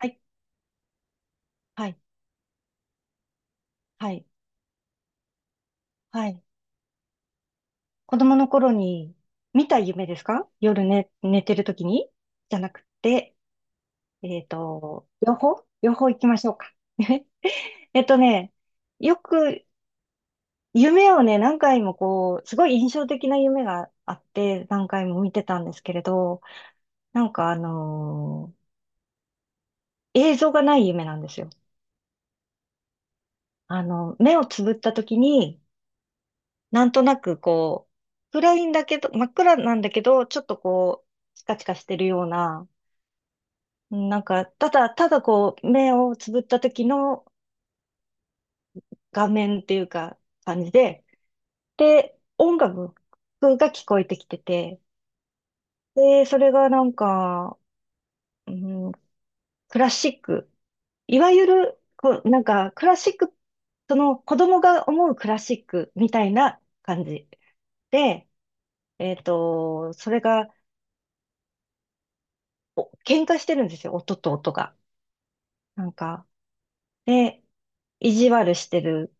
はい、はい、はい、はい。子供の頃に見た夢ですか？夜寝てる時にじゃなくて、両方行きましょうか。えっとね、よく夢をね、何回もこう、すごい印象的な夢があって、何回も見てたんですけれど、なんか映像がない夢なんですよ。あの、目をつぶった時に、なんとなくこう、暗いんだけど、真っ暗なんだけど、ちょっとこう、チカチカしてるような、うんなんか、ただこう、目をつぶった時の画面っていうか、感じで、で、音楽が聞こえてきてて、で、それがなんか、うん、クラシック、いわゆる、こう、なんか、クラシック、その子供が思うクラシックみたいな感じで、それが、お喧嘩してるんですよ、音と音が。なんか、で、意地悪してる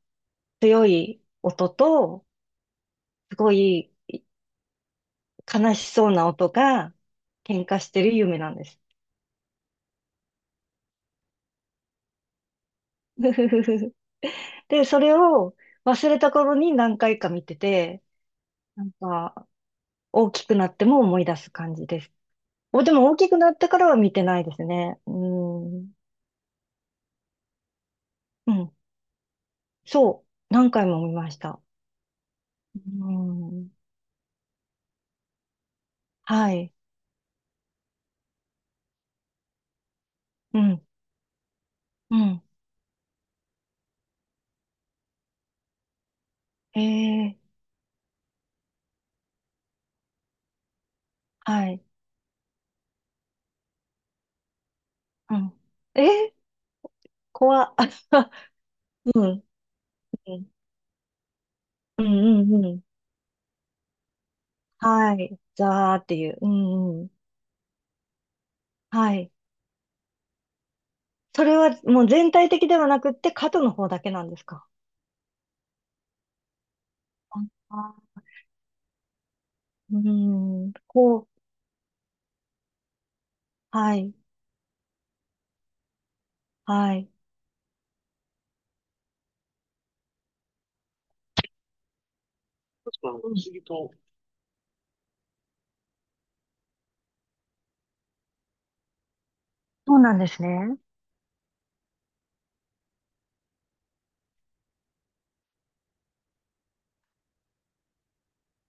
強い音と、すごい悲しそうな音が喧嘩してる夢なんです。ふふふふで、それを忘れた頃に何回か見てて、なんか、大きくなっても思い出す感じです。お、でも大きくなってからは見てないですね。うん。うん。そう。何回も見ました。うん。はい。うん。うん。ええはい。うん。え怖っ。うん。うん。うんうんうん。はい。ザーっていう。うんうん。はい。それはもう全体的ではなくって、角の方だけなんですか？あうん。こう。はい。はい。と、そうなんですね。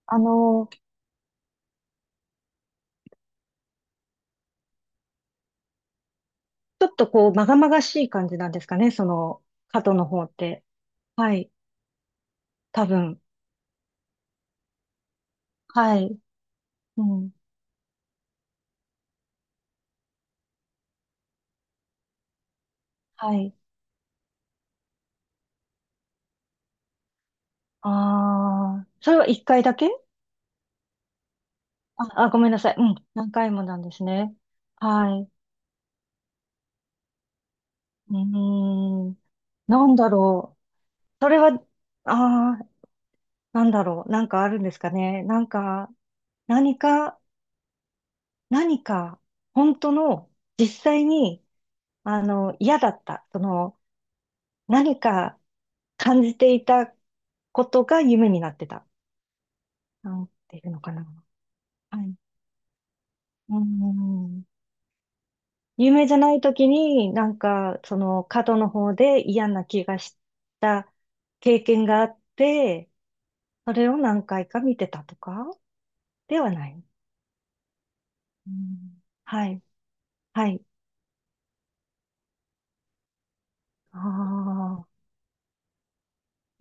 あの、ちょっとこう、まがまがしい感じなんですかね、その、角の方って。はい。多分。はい。うん。はい。ああ。それは一回だけあ、あ、ごめんなさい。うん。何回もなんですね。はい。うーん。なんだろう。それは、ああ、なんだろう。なんかあるんですかね。なんか、何か、何か、本当の、実際に、あの、嫌だった。その、何か感じていたことが夢になってた。なんていうのかな。はい。うーん。有名じゃない時に、なんか、その、角の方で嫌な気がした経験があって、それを何回か見てたとかではない。うん、はい、はい。ああ、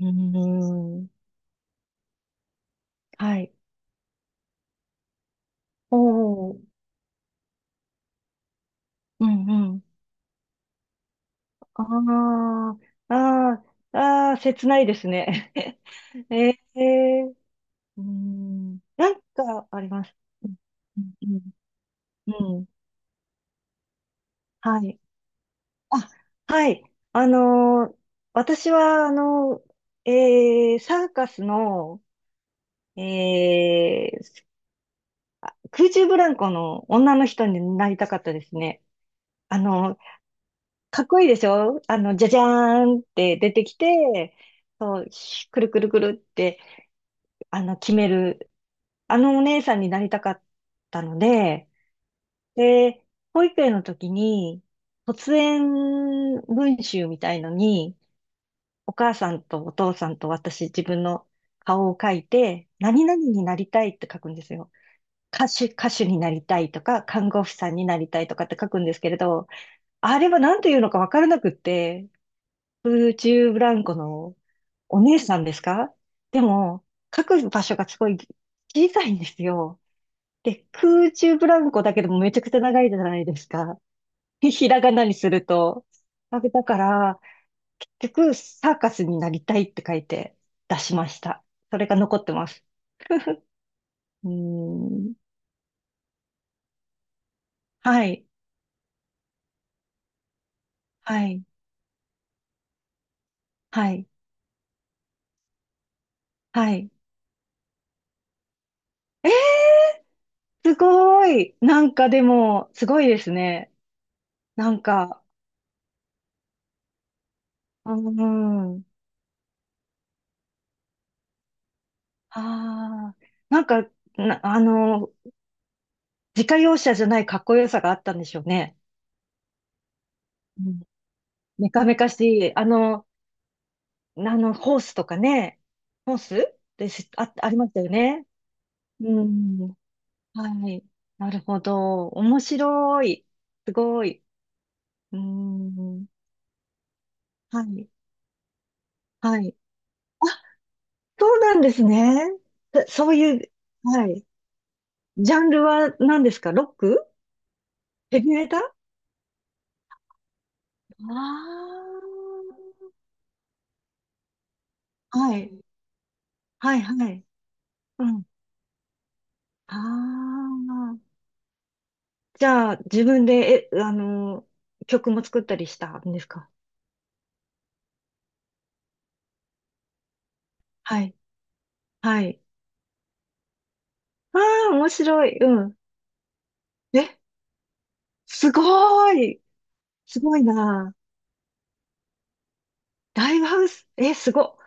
うん、はい。おお、うん、うん。ああ、ああ、ああ、切ないですね。ええ、うん、なんかあります。うん、うん、うん。うんはい。あ、はい。あのー私は、サーカスの、えー空中ブランコの女の人になりたかったですね。あの、かっこいいでしょあの、じゃじゃーんって出てきて、そう、ひくるくるくるって、あの、決める、あのお姉さんになりたかったので、で、保育園の時に、卒園文集みたいのに、お母さんとお父さんと私、自分の顔を書いて、何々になりたいって書くんですよ。歌手になりたいとか、看護婦さんになりたいとかって書くんですけれど、あれは何て言うのか分からなくって、空中ブランコのお姉さんですか？でも、書く場所がすごい小さいんですよ。で、空中ブランコだけでもめちゃくちゃ長いじゃないですか。ひらがなにすると。だから、結局、サーカスになりたいって書いて出しました。それが残ってます。うーん。はい。はい。はい。はい。すごい。なんかでも、すごいですね。なんか、うーん。ああ。なんか、な、あの、自家用車じゃないかっこよさがあったんでしょうね。うん。メカメカしい。ホースとかね。ホースです、あ、ありましたよね。うん。はい。なるほど。面白い。すごい。うーん。はい。はい。あ、そうなんですね。そういう、はい。ジャンルは何ですか？ロックヘビメタああー。はい。はい、はい。うん。ああ。じゃあ、自分で、え、あの、曲も作ったりしたんですか？はい。はい。ああ、面白い。うん。え、すごい。すごいな。ライブハウス、え、すご、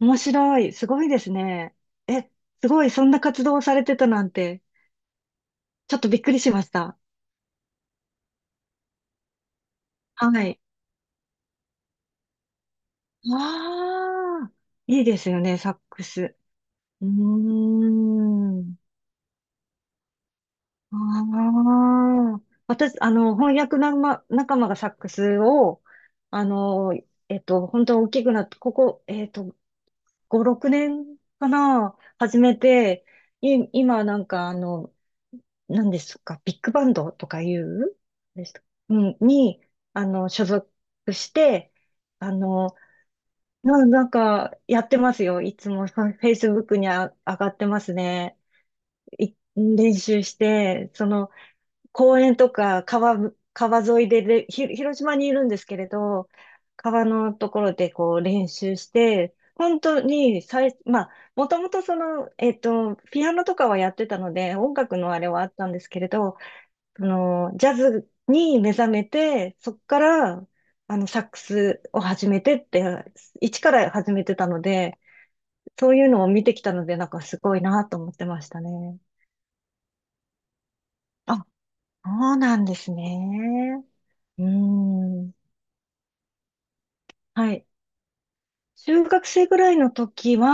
面白い、すごいですね。え、すごい、そんな活動をされてたなんて、ちょっとびっくりしました。はい。わあ、いいですよね、サックス。うーん。ああ、私、あの、翻訳仲間、仲間がサックスを、あの、本当大きくなって、ここ、5、6年かな、始めて、今なんか、あの、何ですか、ビッグバンドとかいうです、うん、に、あの、所属して、あの、なんか、やってますよ。いつも、フェイスブックに上がってますね。練習して、その、公園とか、川沿いでれひ、広島にいるんですけれど、川のところでこう練習して、本当にまあ、もともとその、ピアノとかはやってたので、音楽のあれはあったんですけれど、その、ジャズに目覚めて、そっから、あの、サックスを始めてって、一から始めてたので、そういうのを見てきたので、なんかすごいなと思ってましたね。あ、そうなんですね。うーん。はい。中学生ぐらいの時は、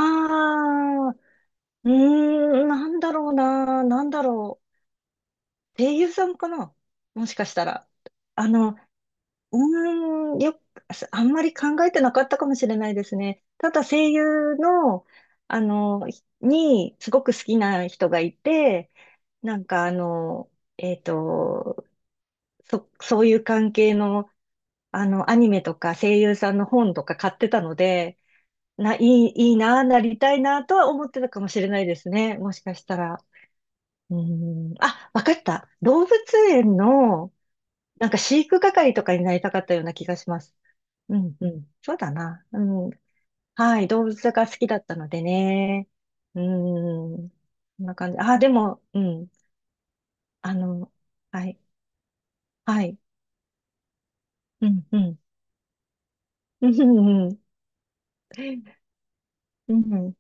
うーん、なんだろうな、なんだろう。声優さんかな、もしかしたら。あの、うーん、よく、あんまり考えてなかったかもしれないですね。ただ声優の、あの、に、すごく好きな人がいて、なんかあの、えっと、そういう関係の、あの、アニメとか声優さんの本とか買ってたので、な、いい、いいな、なりたいな、とは思ってたかもしれないですね。もしかしたら。うーん。あ、わかった。動物園の、なんか飼育係とかになりたかったような気がします。うん、うん。そうだな。うん。はい。動物が好きだったのでね。うん。こんな感じ。あ、でも、うん。あの、はい。はい。うん、うん。うん、うん。うん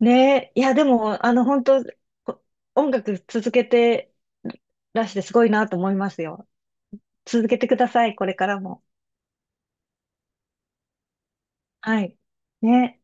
ねえ、いや、でも、あの、本当、こ音楽続けてらしてすごいなと思いますよ。続けてください、これからも。はい。ね。